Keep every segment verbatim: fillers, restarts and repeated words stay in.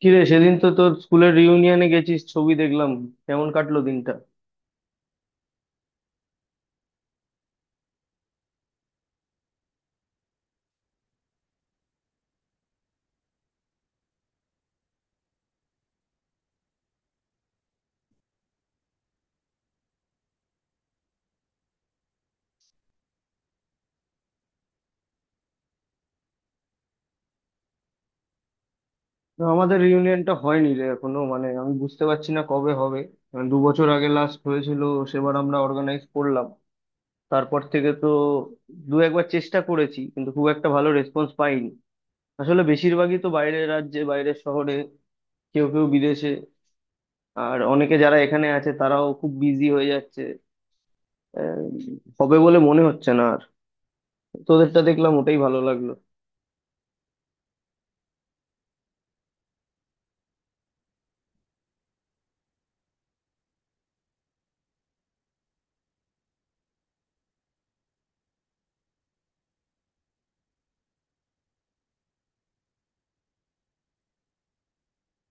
কিরে, সেদিন তো তোর স্কুলের রিউনিয়নে গেছিস, ছবি দেখলাম। কেমন কাটলো দিনটা? না, আমাদের রিউনিয়নটা হয়নি রে এখনো, মানে আমি বুঝতে পারছি না কবে হবে। মানে দু বছর আগে লাস্ট হয়েছিল, সেবার আমরা অর্গানাইজ করলাম। তারপর থেকে তো দু একবার চেষ্টা করেছি, কিন্তু খুব একটা ভালো রেসপন্স পাইনি। আসলে বেশিরভাগই তো বাইরের রাজ্যে, বাইরের শহরে, কেউ কেউ বিদেশে। আর অনেকে যারা এখানে আছে তারাও খুব বিজি হয়ে যাচ্ছে। আহ, হবে বলে মনে হচ্ছে না আর। তোদেরটা দেখলাম, ওটাই ভালো লাগলো।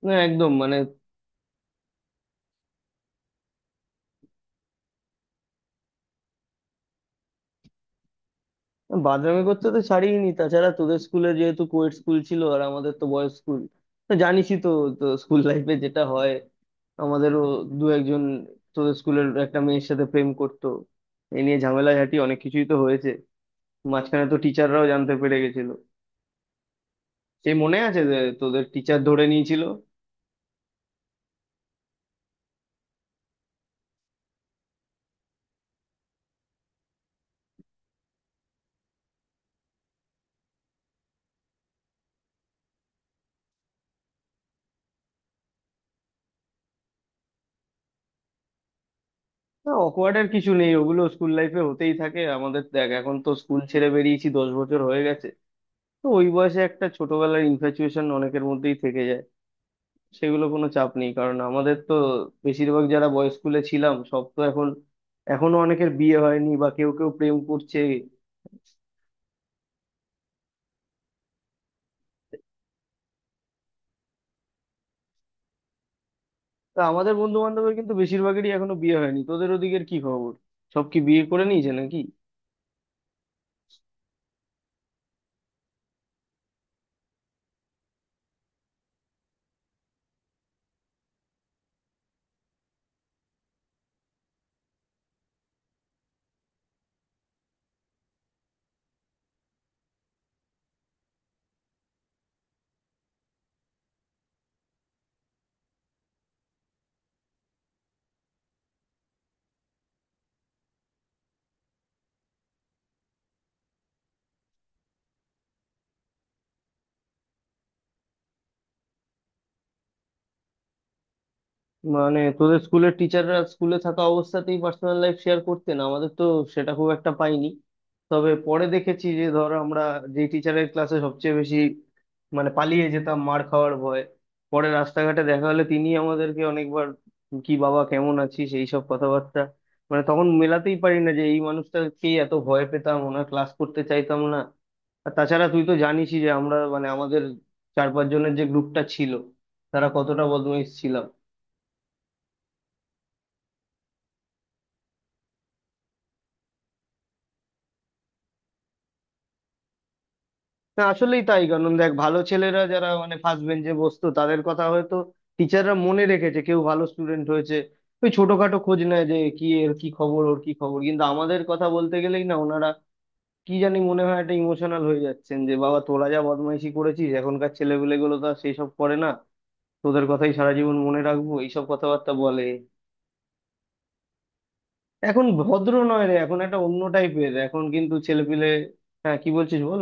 না একদম, মানে বাদামি করতে তো ছাড়িনি। তাছাড়া তোদের স্কুলে যেহেতু কোয়েট স্কুল ছিল আর আমাদের তো বয়েজ স্কুল, জানিসই তো। তো স্কুল লাইফে যেটা হয়, আমাদেরও দু একজন তোদের স্কুলের একটা মেয়ের সাথে প্রেম করতো। এ নিয়ে ঝামেলা ঝাঁটি অনেক কিছুই তো হয়েছে। মাঝখানে তো টিচাররাও জানতে পেরে গেছিল, সেই মনে আছে যে তোদের টিচার ধরে নিয়েছিল। না, awkward এর কিছু নেই, ওগুলো স্কুল লাইফে হতেই থাকে। আমাদের দেখ, এখন তো স্কুল ছেড়ে বেরিয়েছি দশ বছর হয়ে গেছে। তো ওই বয়সে একটা ছোটবেলার ইনফ্যাচুয়েশন অনেকের মধ্যেই থেকে যায়। সেগুলো কোনো চাপ নেই, কারণ আমাদের তো বেশিরভাগ যারা বয়েজ স্কুলে ছিলাম সব তো এখন, এখনো অনেকের বিয়ে হয়নি বা কেউ কেউ প্রেম করছে। তা আমাদের বন্ধু বান্ধবের কিন্তু বেশিরভাগেরই এখনো বিয়ে হয়নি, তোদের ওদিকের কি খবর? সব কি বিয়ে করে নিয়েছে নাকি? মানে তোদের স্কুলের টিচাররা স্কুলে থাকা অবস্থাতেই পার্সোনাল লাইফ শেয়ার করতেন, আমাদের তো সেটা খুব একটা পাইনি। তবে পরে দেখেছি যে, ধর আমরা যে টিচারের ক্লাসে সবচেয়ে বেশি, মানে পালিয়ে যেতাম মার খাওয়ার ভয়, পরে রাস্তাঘাটে দেখা হলে তিনি আমাদেরকে অনেকবার কি বাবা কেমন আছিস এই সব কথাবার্তা। মানে তখন মেলাতেই পারি না যে এই মানুষটাকেই এত ভয় পেতাম, ওনার ক্লাস করতে চাইতাম না। আর তাছাড়া তুই তো জানিসই যে আমরা, মানে আমাদের চার পাঁচ জনের যে গ্রুপটা ছিল, তারা কতটা বদমাইশ ছিলাম। না আসলেই তাই, কারণ দেখ ভালো ছেলেরা যারা মানে ফার্স্ট বেঞ্চে বসতো তাদের কথা হয়তো টিচাররা মনে রেখেছে, কেউ ভালো স্টুডেন্ট হয়েছে ওই ছোটখাটো খোঁজ নেয় যে কি এর কি খবর, ওর কি খবর। কিন্তু আমাদের কথা বলতে গেলেই না ওনারা কি জানি মনে হয় একটা ইমোশনাল হয়ে যাচ্ছেন, যে বাবা তোরা যা বদমাইশি করেছিস এখনকার ছেলেপিলেগুলো তো আর সেসব করে না, তোদের কথাই সারা জীবন মনে রাখবো, এইসব কথাবার্তা বলে। এখন ভদ্র নয় রে, এখন একটা অন্য টাইপের এখন কিন্তু ছেলেপিলে। হ্যাঁ, কি বলছিস বল।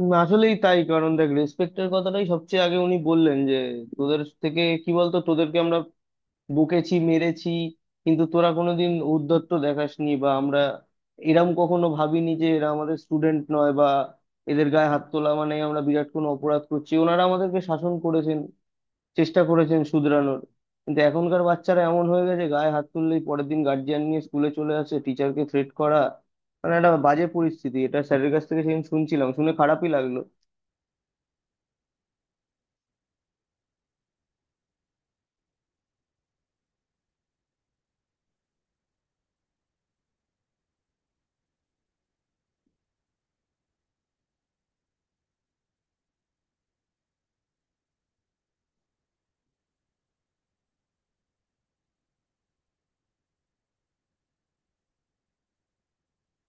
উম, আসলেই তাই, কারণ দেখ রেসপেক্টের কথাটাই সবচেয়ে আগে উনি বললেন যে তোদের থেকে কি বলতো, তোদেরকে আমরা বকেছি, মেরেছি, কিন্তু তোরা কোনোদিন ঔদ্ধত্য দেখাসনি। বা আমরা এরম কখনো ভাবিনি যে এরা আমাদের স্টুডেন্ট নয় বা এদের গায়ে হাত তোলা মানে আমরা বিরাট কোনো অপরাধ করছি। ওনারা আমাদেরকে শাসন করেছেন, চেষ্টা করেছেন শুধরানোর। কিন্তু এখনকার বাচ্চারা এমন হয়ে গেছে, গায়ে হাত তুললেই পরের দিন গার্জিয়ান নিয়ে স্কুলে চলে আসে টিচারকে থ্রেট করা, মানে একটা বাজে পরিস্থিতি। এটা স্যারের কাছ থেকে সেদিন শুনছিলাম, শুনে খারাপই লাগলো।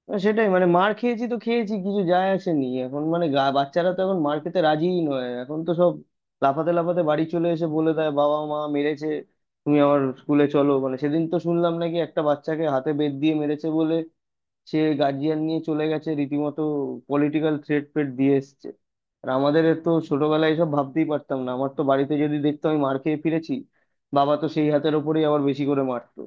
না, সেটাই, মানে মার খেয়েছি তো খেয়েছি, কিছু যায় আসেনি। এখন মানে গা বাচ্চারা তো এখন মার খেতে রাজিই নয়, এখন তো সব লাফাতে লাফাতে বাড়ি চলে এসে বলে দেয় বাবা মা মেরেছে, তুমি আমার স্কুলে চলো। মানে সেদিন তো শুনলাম নাকি একটা বাচ্চাকে হাতে বেত দিয়ে মেরেছে বলে সে গার্জিয়ান নিয়ে চলে গেছে, রীতিমতো পলিটিক্যাল থ্রেট ফ্রেট দিয়ে এসছে। আর আমাদের তো ছোটবেলায় এসব ভাবতেই পারতাম না, আমার তো বাড়িতে যদি দেখতো আমি মার খেয়ে ফিরেছি, বাবা তো সেই হাতের ওপরেই আবার বেশি করে মারতো।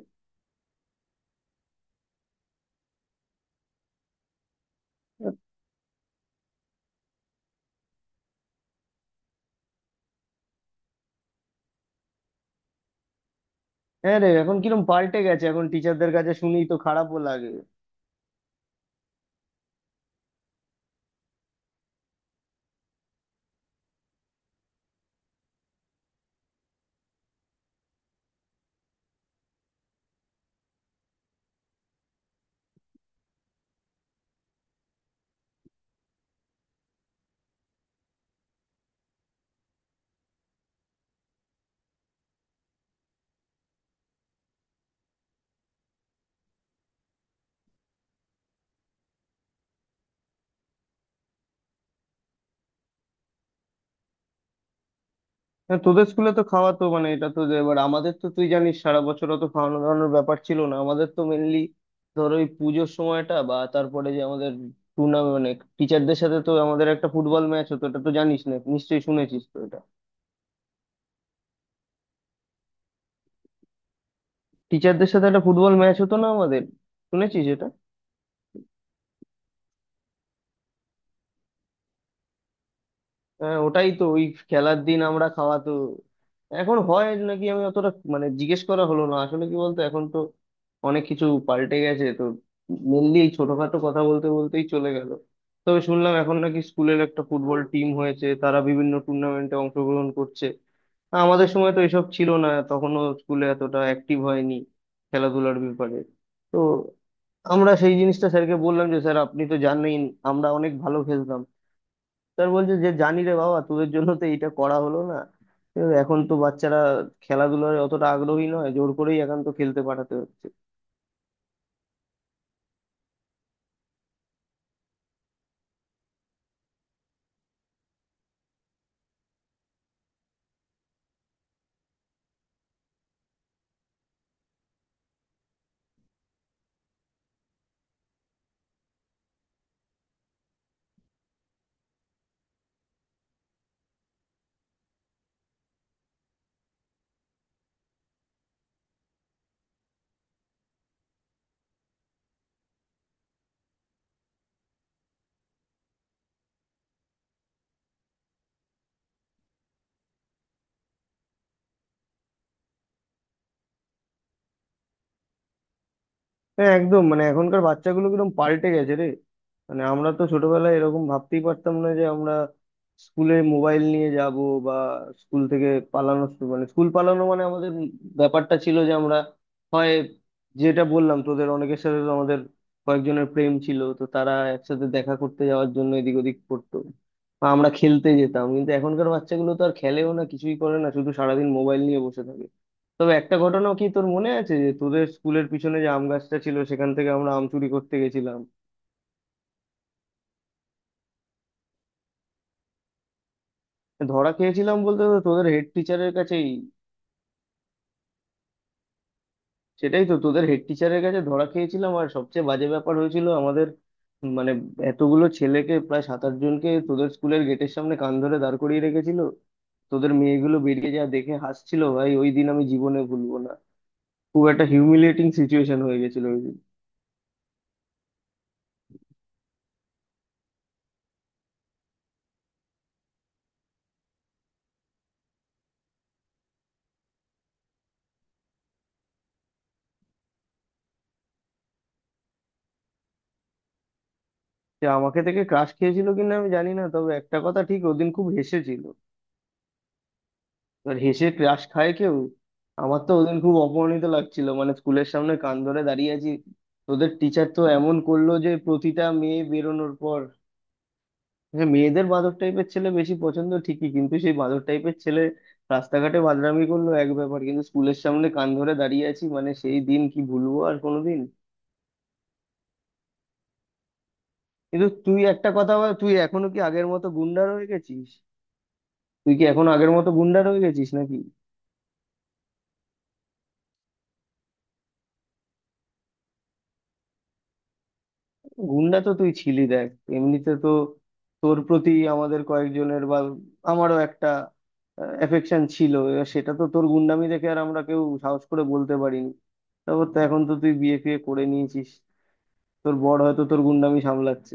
হ্যাঁ রে, এখন কিরকম পাল্টে গেছে, এখন টিচারদের কাছে শুনি তো খারাপও লাগে। হ্যাঁ, তোদের স্কুলে তো খাওয়াতো, মানে এটা তো যে- এবার আমাদের তো তুই জানিস সারা বছর অত খাওয়ানো দাওয়ানোর ব্যাপার ছিল না। আমাদের তো মেনলি ধর ওই পুজোর সময়টা, বা তারপরে যে আমাদের টুর্নামেন্ট, মানে টিচারদের সাথে তো আমাদের একটা ফুটবল ম্যাচ হতো, এটা তো জানিস না নিশ্চয়ই, শুনেছিস তো এটা? টিচারদের সাথে একটা ফুটবল ম্যাচ হতো না আমাদের, শুনেছিস এটা? হ্যাঁ ওটাই তো, ওই খেলার দিন আমরা খাওয়া তো। এখন হয় নাকি আমি অতটা মানে জিজ্ঞেস করা হলো না আসলে, কি বলতো এখন তো অনেক কিছু পাল্টে গেছে তো। মেনলি এই ছোটখাটো কথা বলতে বলতেই চলে গেল। তবে শুনলাম এখন নাকি স্কুলের একটা ফুটবল টিম হয়েছে, তারা বিভিন্ন টুর্নামেন্টে অংশগ্রহণ করছে। আমাদের সময় তো এসব ছিল না, তখনও স্কুলে এতটা অ্যাক্টিভ হয়নি খেলাধুলার ব্যাপারে। তো আমরা সেই জিনিসটা স্যারকে বললাম যে স্যার আপনি তো জানেন আমরা অনেক ভালো খেলতাম। স্যার বলছে যে জানি রে বাবা, তোদের জন্য তো এইটা করা হলো না। ঠিক আছে, এখন তো বাচ্চারা খেলাধুলায় অতটা আগ্রহী নয়, জোর করেই এখন তো খেলতে পাঠাতে হচ্ছে। হ্যাঁ একদম, মানে এখনকার বাচ্চাগুলো কিরকম পাল্টে গেছে রে। মানে আমরা তো ছোটবেলায় এরকম ভাবতেই পারতাম না যে আমরা স্কুলে মোবাইল নিয়ে যাব, বা স্কুল থেকে পালানো শু- মানে স্কুল পালানো মানে আমাদের ব্যাপারটা ছিল যে আমরা হয়, যেটা বললাম তোদের, অনেকের সাথে তো আমাদের কয়েকজনের প্রেম ছিল তো তারা একসাথে দেখা করতে যাওয়ার জন্য এদিক ওদিক করতো, বা আমরা খেলতে যেতাম। কিন্তু এখনকার বাচ্চাগুলো তো আর খেলেও না, কিছুই করে না, শুধু সারাদিন মোবাইল নিয়ে বসে থাকে। তবে একটা ঘটনাও কি তোর মনে আছে যে তোদের স্কুলের পিছনে যে আম গাছটা ছিল সেখান থেকে আমরা আম চুরি করতে গেছিলাম? ধরা খেয়েছিলাম বলতে তো তোদের হেড টিচারের কাছেই। সেটাই তো, তোদের হেড টিচারের কাছে ধরা খেয়েছিলাম, আর সবচেয়ে বাজে ব্যাপার হয়েছিল আমাদের, মানে এতগুলো ছেলেকে, প্রায় সাত আট জনকে, তোদের স্কুলের গেটের সামনে কান ধরে দাঁড় করিয়ে রেখেছিল। তোদের মেয়েগুলো বেরিয়ে যা দেখে হাসছিল, ভাই ওই দিন আমি জীবনে ভুলবো না। খুব একটা হিউমিলিয়েটিং সিচুয়েশন হয়ে গেছিল ওই দিন। সে আমাকে থেকে ক্রাশ খেয়েছিল কিনা আমি জানি না, তবে একটা কথা ঠিক, ওদিন খুব হেসেছিল। এবার হেসে ক্রাশ খায় কেউ? আমার তো ওদিন খুব অপমানিত লাগছিল, মানে স্কুলের সামনে কান ধরে দাঁড়িয়ে আছি, তোদের টিচার তো এমন করলো যে প্রতিটা মেয়ে বেরোনোর পর। হ্যাঁ, মেয়েদের বাঁদর টাইপের ছেলে বেশি পছন্দ ঠিকই, কিন্তু সেই বাঁদর টাইপের ছেলে রাস্তাঘাটে বাদরামি করলো এক ব্যাপার, কিন্তু স্কুলের সামনে কান ধরে দাঁড়িয়ে আছি, মানে সেই দিন কি ভুলবো আর কোনোদিন? কিন্তু তুই একটা কথা বল, তুই এখনো কি আগের মতো গুন্ডা রয়ে গেছিস? তুই কি এখন আগের মতো গুন্ডা রয়ে গেছিস নাকি? গুন্ডা তো তুই ছিলি দেখ। এমনিতে তো তোর প্রতি আমাদের কয়েকজনের, বা আমারও একটা এফেকশন ছিল, এবার সেটা তো তোর গুন্ডামি দেখে আর আমরা কেউ সাহস করে বলতে পারিনি। তারপর তো এখন তো তুই বিয়ে ফিয়ে করে নিয়েছিস, তোর বর হয়তো তোর গুন্ডামি সামলাচ্ছে।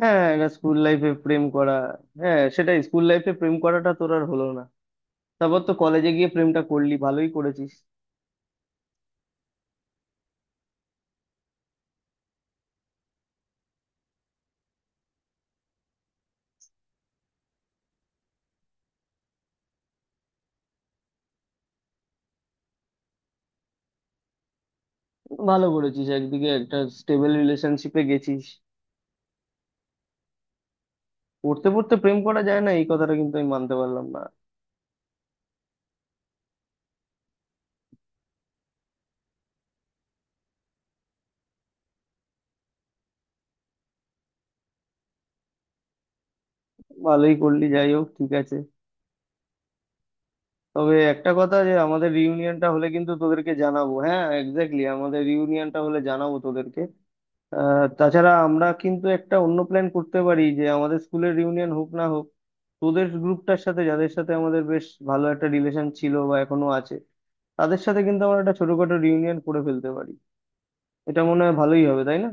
হ্যাঁ, এটা স্কুল লাইফে প্রেম করা। হ্যাঁ সেটাই, স্কুল লাইফে প্রেম করাটা তোর আর হলো না, তারপর তো কলেজে গিয়ে প্রেমটা করলি, ভালোই করেছিস। ভালো করেছিস, একদিকে একটা স্টেবল রিলেশনশিপে গেছিস। পড়তে পড়তে প্রেম করা যায় না এই কথাটা কিন্তু আমি মানতে পারলাম। ভালোই করলি, যাই হোক ঠিক আছে। তবে একটা কথা, যে আমাদের রিউনিয়নটা হলে কিন্তু তোদেরকে জানাবো, হ্যাঁ এক্স্যাক্টলি, আমাদের রিউনিয়নটা হলে জানাবো তোদেরকে। আহ, তাছাড়া আমরা কিন্তু একটা অন্য প্ল্যান করতে পারি, যে আমাদের স্কুলের রিউনিয়ন হোক না হোক, তোদের গ্রুপটার সাথে যাদের সাথে আমাদের বেশ ভালো একটা রিলেশন ছিল বা এখনো আছে, তাদের সাথে কিন্তু আমরা একটা ছোটখাটো রিউনিয়ন করে ফেলতে পারি। এটা মনে হয় ভালোই হবে, তাই না?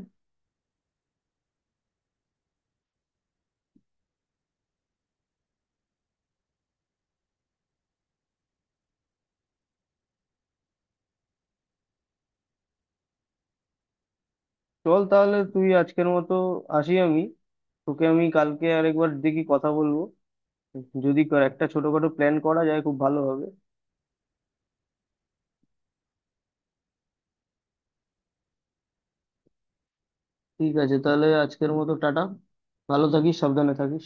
চল তাহলে, তুই আজকের মতো আসি আমি। তোকে আমি কালকে আরেকবার দেখি কথা বলবো, যদি কর- একটা ছোটখাটো প্ল্যান করা যায় খুব ভালো হবে। ঠিক আছে তাহলে, আজকের মতো টাটা। ভালো থাকিস, সাবধানে থাকিস।